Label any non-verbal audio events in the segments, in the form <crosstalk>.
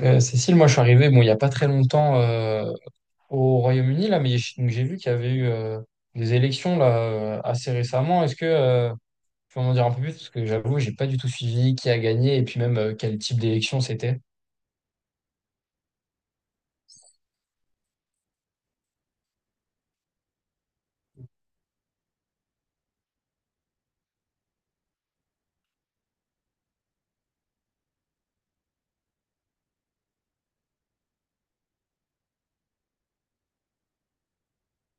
Cécile, moi je suis arrivé bon, il n'y a pas très longtemps. Au Royaume-Uni, là, mais j'ai vu qu'il y avait eu des élections là, assez récemment. Est-ce que tu peux m'en dire un peu plus? Parce que j'avoue, j'ai pas du tout suivi qui a gagné et puis même quel type d'élection c'était.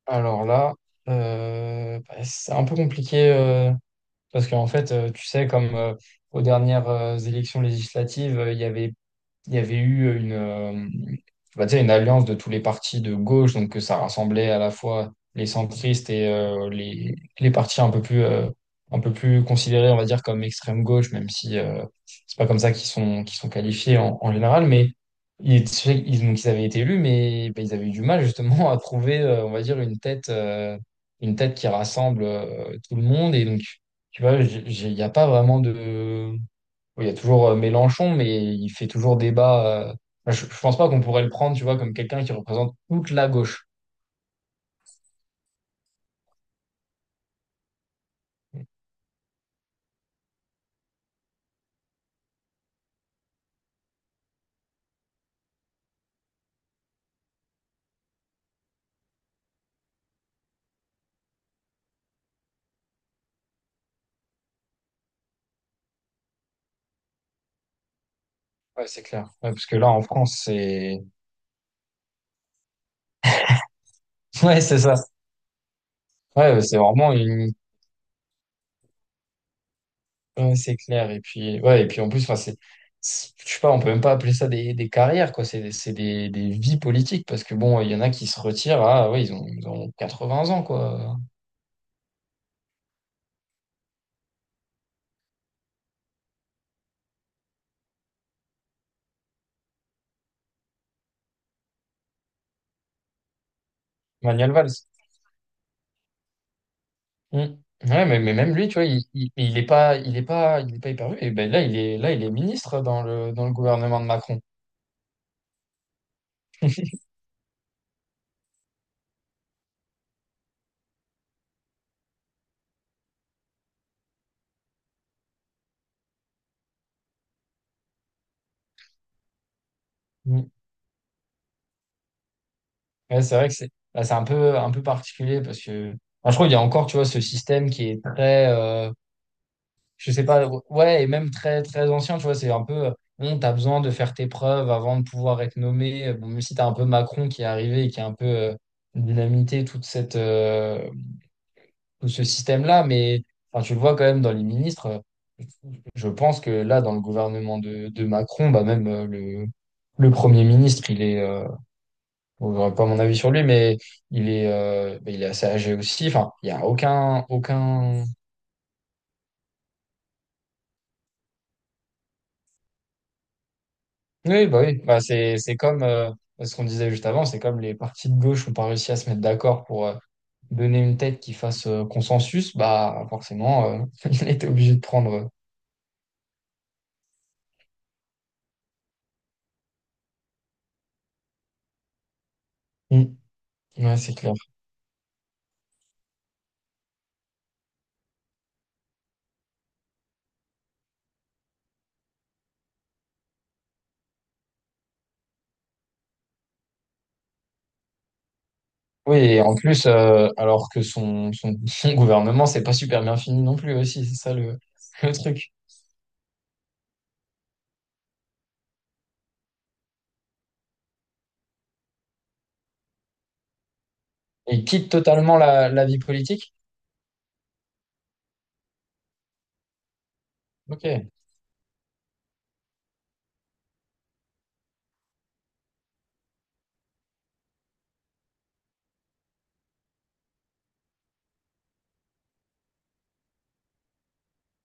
Alors là, bah, c'est un peu compliqué parce qu'en fait, tu sais, comme aux dernières élections législatives, il y avait eu on va dire une alliance de tous les partis de gauche, donc que ça rassemblait à la fois les centristes et les partis un peu plus considérés, on va dire, comme extrême gauche, même si c'est pas comme ça qu'ils sont qualifiés en, en général, mais donc ils avaient été élus, mais ben, ils avaient eu du mal justement à trouver, on va dire, une tête qui rassemble tout le monde, et donc, tu vois, il n'y a pas vraiment de oui. Il y a toujours Mélenchon, mais il fait toujours débat. Je pense pas qu'on pourrait le prendre, tu vois, comme quelqu'un qui représente toute la gauche. Ouais, c'est clair. Ouais, parce que là, en France, c'est. <laughs> Ouais, c'est ça. Ouais, c'est vraiment une. Ouais, c'est clair. Et puis, ouais, et puis en plus, enfin, c'est. Je sais pas, on peut même pas appeler ça des carrières, quoi. C'est des vies politiques, parce que bon, il y en a qui se retirent à. Ouais, ils ont 80 ans, quoi. Manuel Valls. Mm. Ouais, mais même lui, tu vois, il est pas hyper vu. Et ben là, il est ministre dans le gouvernement de Macron. Mm. Ouais, c'est vrai que c'est, là, c'est un peu particulier parce que, enfin, je trouve qu'il y a encore, tu vois, ce système qui est très, je sais pas, ouais, et même très, très ancien, tu vois, c'est un peu, bon, t'as besoin de faire tes preuves avant de pouvoir être nommé. Bon, même si t'as un peu Macron qui est arrivé et qui a un peu, dynamité toute cette, tout ce système-là, mais enfin, tu le vois quand même dans les ministres. Je pense que là, dans le gouvernement de Macron, bah même le Premier ministre, bon, j'aurais pas mon avis sur lui, mais bah, il est assez âgé aussi. Enfin, il y a aucun. Oui. Bah, c'est comme ce qu'on disait juste avant, c'est comme les partis de gauche n'ont pas réussi à se mettre d'accord pour donner une tête qui fasse consensus. Bah forcément, <laughs> il était obligé de prendre. Mm. Ouais, c'est clair. Oui, et en plus, alors que <laughs> son gouvernement, c'est pas super bien fini non plus aussi, c'est ça le truc. Il quitte totalement la, la vie politique? Ok,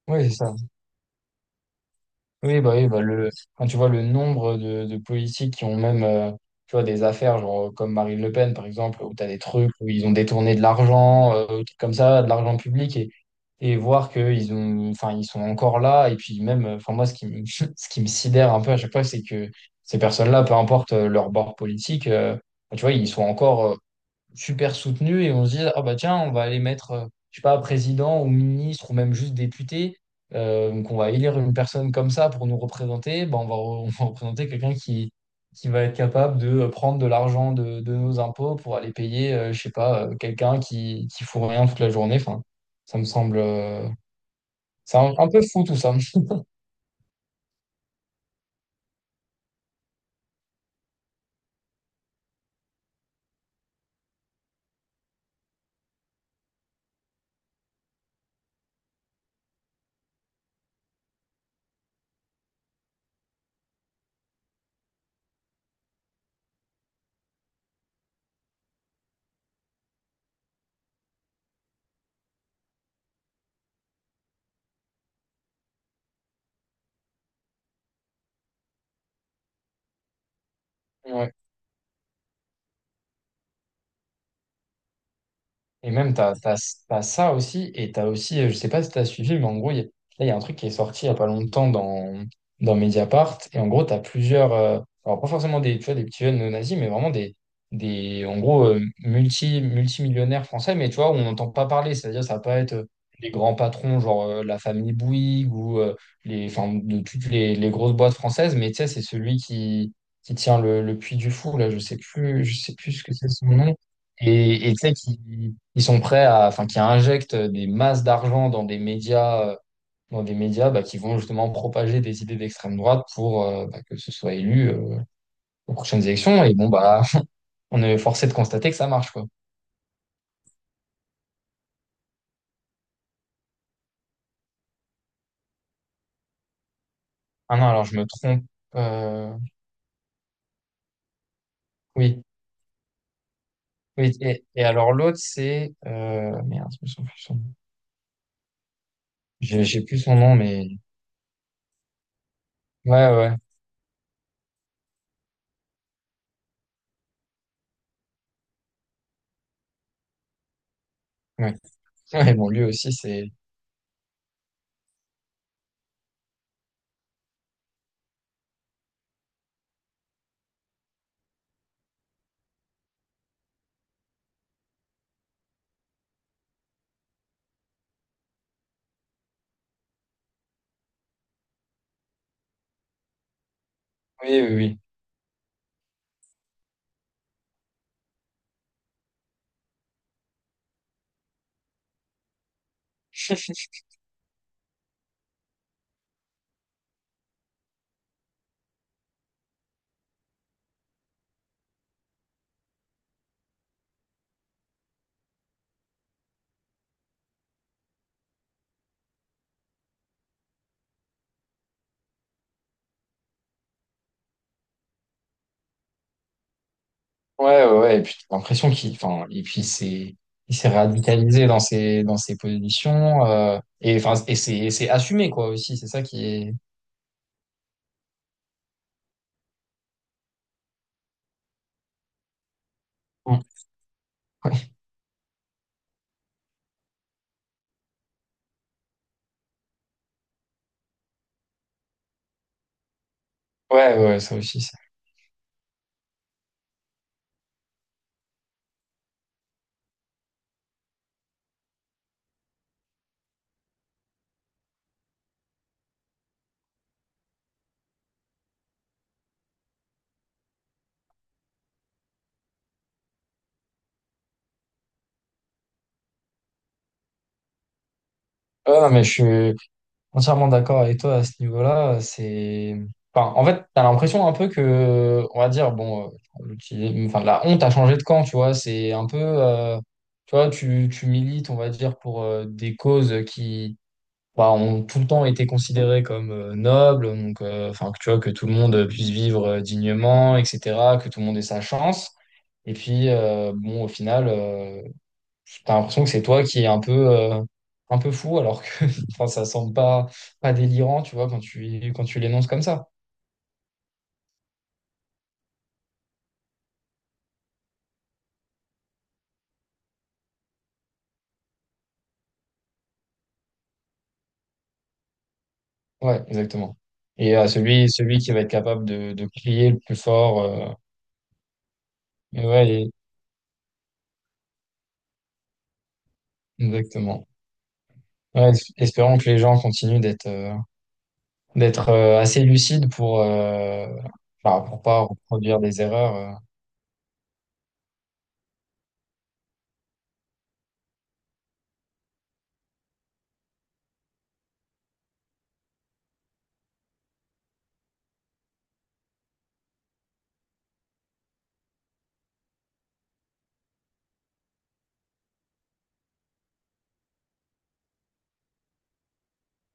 oui, c'est ça. Oui, bah le, quand tu vois le nombre de politiques qui ont même tu vois, des affaires, genre comme Marine Le Pen, par exemple, où tu as des trucs où ils ont détourné de l'argent, des trucs comme ça, de l'argent public, et voir qu'ils ont, enfin, ils sont encore là. Et puis même, enfin, moi, ce qui me, <laughs> ce qui me sidère un peu à chaque fois, c'est que ces personnes-là, peu importe leur bord politique, bah, tu vois, ils sont encore super soutenu et on se dit, ah bah tiens, on va aller mettre, je sais pas, président ou ministre ou même juste député, donc on va élire une personne comme ça pour nous représenter, bah on va, <laughs> on va représenter quelqu'un qui va être capable de prendre de l'argent de nos impôts pour aller payer, je sais pas, quelqu'un qui fout rien toute la journée. Enfin, ça me semble, c'est un peu fou tout ça. Ouais. Et même, t'as ça aussi, et t'as aussi, je sais pas si t'as suivi, mais en gros, il y a un truc qui est sorti il y a pas longtemps dans Mediapart, et en gros, t'as plusieurs, alors pas forcément des, tu vois, des petits jeunes néo-nazis, mais vraiment des en gros, multimillionnaires français, mais tu vois, on n'entend pas parler, c'est-à-dire, ça va pas être les grands patrons, genre la famille Bouygues, ou les, enfin, de toutes les grosses boîtes françaises, mais tu sais, c'est celui qui tient le Puy du Fou, là, je sais plus ce que c'est son nom, et tu sais, qui ils sont prêts à, enfin, qui injectent des masses d'argent dans des médias bah, qui vont justement propager des idées d'extrême droite pour bah, que ce soit élu aux prochaines élections. Et bon, bah, <laughs> on est forcé de constater que ça marche, quoi. Ah non, alors je me trompe. Euh, oui, oui. Et alors l'autre, c'est merde, je me souviens plus son nom. J'ai plus son nom, mais ouais, ouais, ouais. <laughs> Ouais, bon, lui aussi, c'est oui, oui, oui. <laughs> Ouais, ouais, ouais. Et puis t'as l'impression qu'il, enfin, et puis c'est, il s'est radicalisé dans ses positions. Et enfin, et c'est assumé quoi aussi. C'est ça qui est. <laughs> Ouais, ouais, ouais, ça aussi. Ça. Ouais, non, mais je suis entièrement d'accord avec toi à ce niveau-là. C'est, enfin, en fait, t'as l'impression un peu que, on va dire, bon, enfin, la honte a changé de camp, tu vois. C'est un peu, tu vois, tu milites, on va dire, pour des causes qui bah, ont tout le temps été considérés comme nobles, donc enfin que tu vois que tout le monde puisse vivre dignement, etc., que tout le monde ait sa chance. Et puis bon, au final, t'as l'impression que c'est toi qui est un peu fou, alors que <laughs> enfin ça semble pas pas délirant, tu vois, quand tu l'énonces comme ça. Ouais, exactement. Et celui qui va être capable de crier le plus fort, ouais, et- exactement. Ouais, espérons que les gens continuent d'être d'être assez lucide pour bah, pour pas reproduire des erreurs.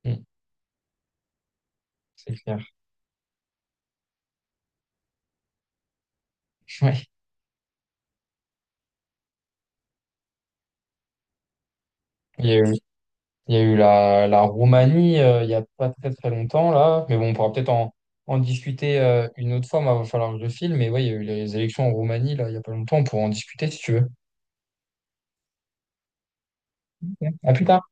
Mm, c'est clair. <laughs> Ouais. Il y a eu, il y a eu la, la Roumanie il y a pas très très longtemps là, mais bon, on pourra peut-être en discuter une autre fois. Il va falloir que je file, mais ouais, il y a eu les élections en Roumanie là il y a pas longtemps. On pourra en discuter si tu veux. Ok. À plus tard.